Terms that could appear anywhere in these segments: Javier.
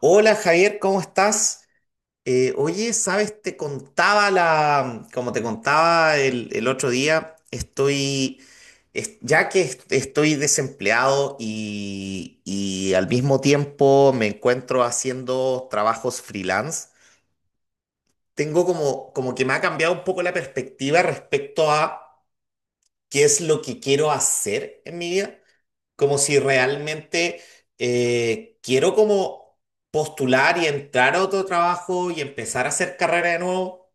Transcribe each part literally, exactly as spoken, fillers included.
Hola Javier, ¿cómo estás? Eh, oye, sabes, te contaba la, como te contaba el, el otro día, estoy, es- ya que est- estoy desempleado y, y al mismo tiempo me encuentro haciendo trabajos freelance, tengo como, como que me ha cambiado un poco la perspectiva respecto a qué es lo que quiero hacer en mi vida, como si realmente eh, quiero como postular y entrar a otro trabajo y empezar a hacer carrera de nuevo,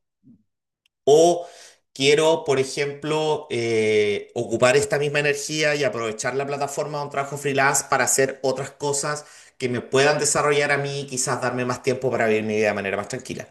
o quiero, por ejemplo, eh, ocupar esta misma energía y aprovechar la plataforma de un trabajo freelance para hacer otras cosas que me puedan desarrollar a mí y quizás darme más tiempo para vivir mi vida de manera más tranquila.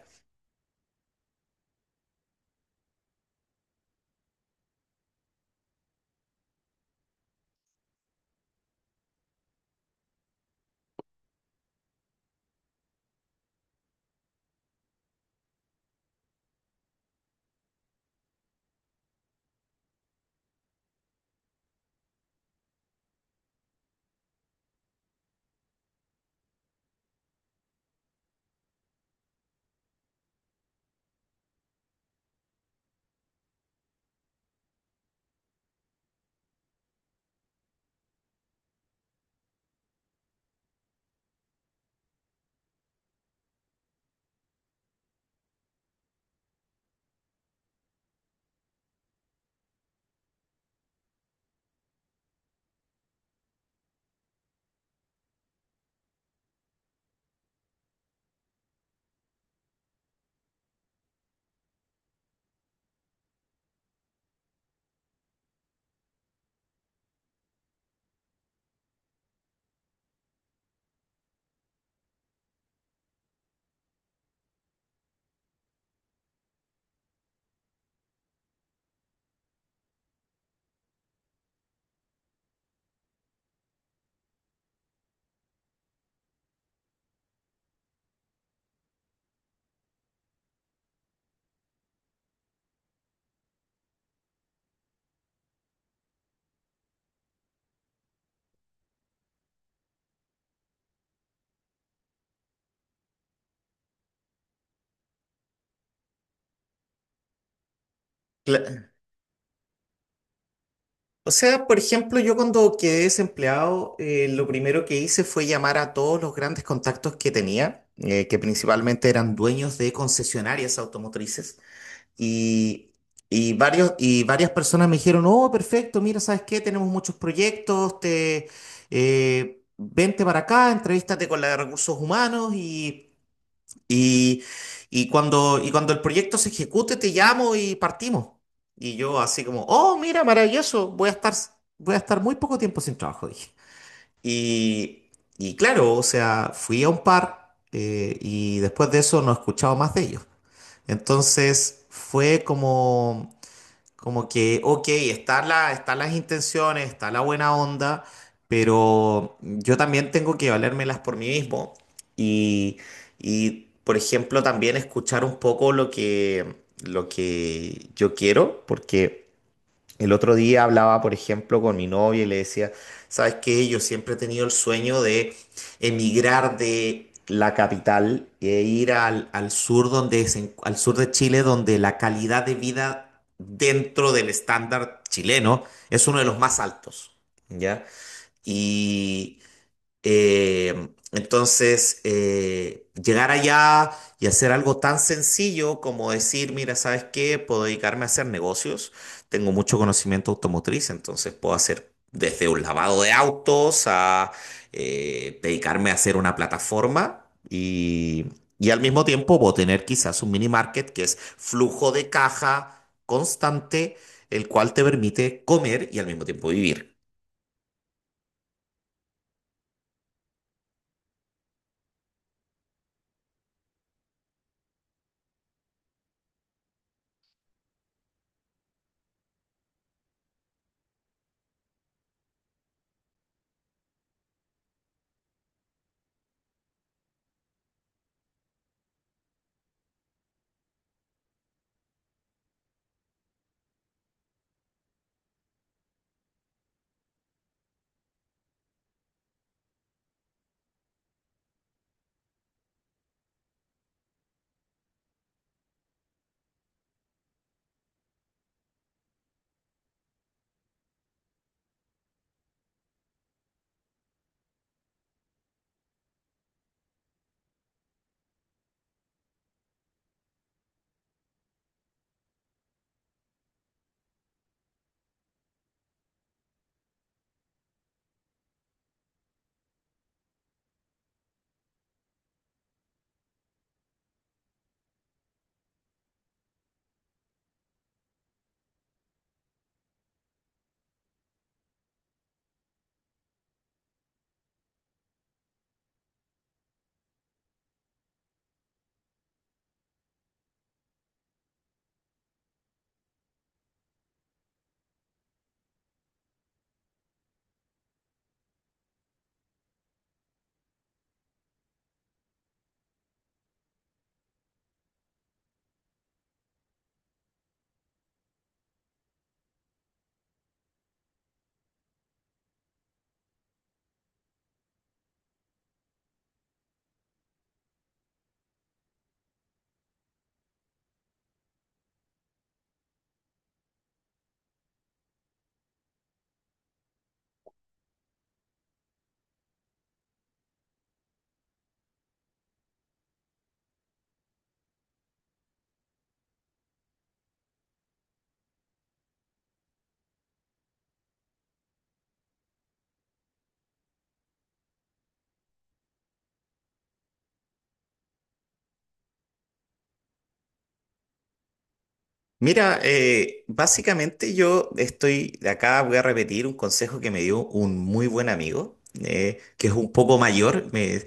O sea, por ejemplo, yo cuando quedé desempleado, eh, lo primero que hice fue llamar a todos los grandes contactos que tenía, eh, que principalmente eran dueños de concesionarias automotrices, y, y varios, y varias personas me dijeron, oh, perfecto, mira, ¿sabes qué? Tenemos muchos proyectos, te, eh, vente para acá, entrevístate con la de recursos humanos y... Y, y cuando, y cuando el proyecto se ejecute, te llamo y partimos. Y yo así como, oh, mira, maravilloso, voy a estar, voy a estar muy poco tiempo sin trabajo, dije. Y, y claro, o sea, fui a un par, eh, y después de eso no he escuchado más de ellos. Entonces fue como, como que, ok, están la, están las intenciones, está la buena onda, pero yo también tengo que valérmelas por mí mismo. Y, y, por ejemplo, también escuchar un poco lo que, lo que yo quiero, porque el otro día hablaba, por ejemplo, con mi novia y le decía, ¿sabes qué? Yo siempre he tenido el sueño de emigrar de la capital e ir al, al sur donde se en- al sur de Chile, donde la calidad de vida dentro del estándar chileno es uno de los más altos, ¿ya? Y eh, entonces, eh, llegar allá y hacer algo tan sencillo como decir, mira, ¿sabes qué? Puedo dedicarme a hacer negocios. Tengo mucho conocimiento automotriz, entonces puedo hacer desde un lavado de autos a, eh, dedicarme a hacer una plataforma y, y al mismo tiempo puedo tener quizás un mini market que es flujo de caja constante, el cual te permite comer y al mismo tiempo vivir. Mira, eh, básicamente yo estoy, acá voy a repetir un consejo que me dio un muy buen amigo, eh, que es un poco mayor, me-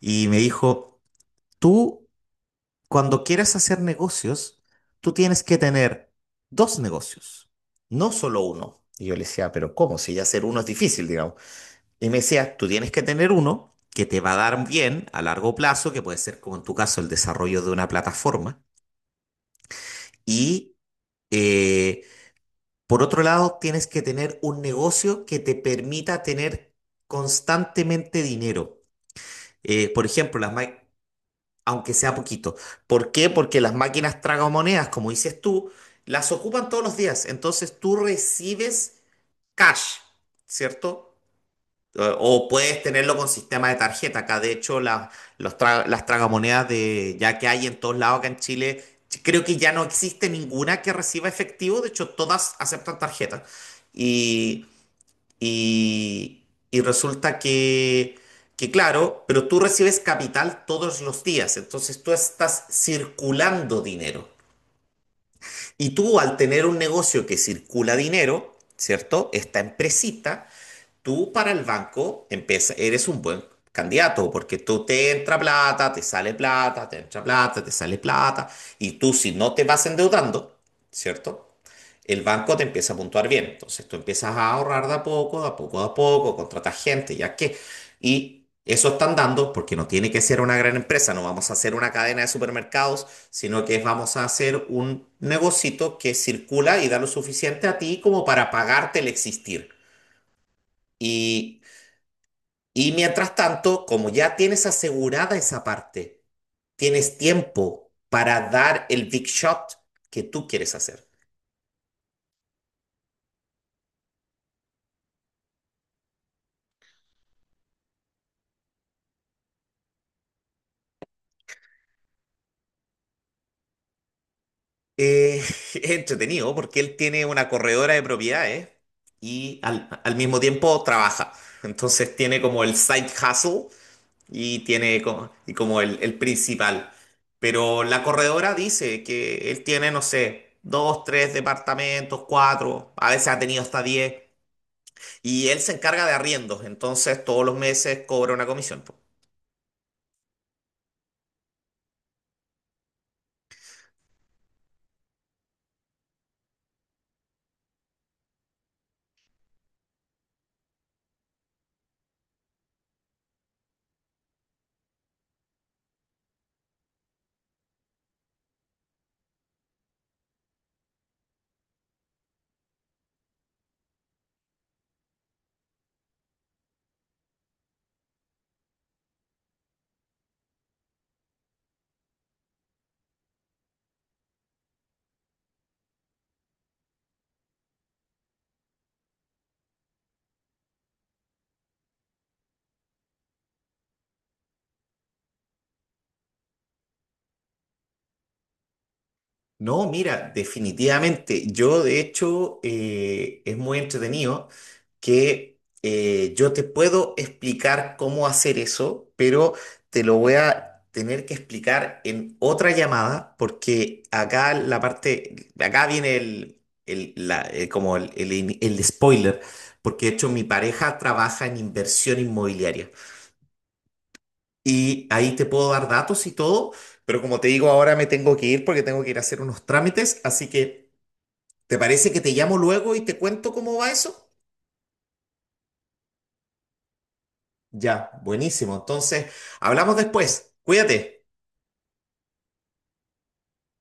y me dijo, tú cuando quieras hacer negocios, tú tienes que tener dos negocios, no solo uno. Y yo le decía, pero ¿cómo? Si ya hacer uno es difícil, digamos. Y me decía, tú tienes que tener uno que te va a dar bien a largo plazo, que puede ser como en tu caso el desarrollo de una plataforma, y... eh, Por otro lado, tienes que tener un negocio que te permita tener constantemente dinero. Eh, por ejemplo, las ma- aunque sea poquito. ¿Por qué? Porque las máquinas tragamonedas, como dices tú, las ocupan todos los días. Entonces tú recibes cash, ¿cierto? Eh, O puedes tenerlo con sistema de tarjeta. Acá, de hecho, la- los tra- las tragamonedas de, ya que hay en todos lados acá en Chile, ch- creo que ya no existe ninguna que reciba efectivo. De hecho, todas aceptan tarjeta. Y y, y resulta que, que, claro, pero tú recibes capital todos los días, entonces tú estás circulando dinero. Y tú al tener un negocio que circula dinero, ¿cierto? Esta empresita, tú para el banco empieza, eres un buen candidato porque tú te entra plata, te sale plata, te entra plata, te sale plata, y tú si no te vas endeudando, ¿cierto? El banco te empieza a puntuar bien. Entonces tú empiezas a ahorrar de a poco, de a poco, de a poco, contratas gente, ya que. Y eso están dando, porque no tiene que ser una gran empresa, no vamos a hacer una cadena de supermercados, sino que vamos a hacer un negocito que circula y da lo suficiente a ti como para pagarte el existir. Y, y mientras tanto, como ya tienes asegurada esa parte, tienes tiempo para dar el big shot que tú quieres hacer. Eh, es entretenido porque él tiene una corredora de propiedades y al, al mismo tiempo trabaja. Entonces tiene como el side hustle y tiene como, y como el, el principal. Pero la corredora dice que él tiene, no sé, dos, tres departamentos, cuatro, a veces ha tenido hasta diez. Y él se encarga de arriendos, entonces todos los meses cobra una comisión. No, mira, definitivamente. Yo, de hecho, eh, es muy entretenido que, eh, yo te puedo explicar cómo hacer eso, pero te lo voy a tener que explicar en otra llamada, porque acá la parte, acá viene el, el- la- eh, como el, el el spoiler, porque de hecho mi pareja trabaja en inversión inmobiliaria. Y ahí te puedo dar datos y todo, pero como te digo, ahora me tengo que ir porque tengo que ir a hacer unos trámites, así que... ¿Te parece que te llamo luego y te cuento cómo va eso? Ya, buenísimo. Entonces, hablamos después. Cuídate.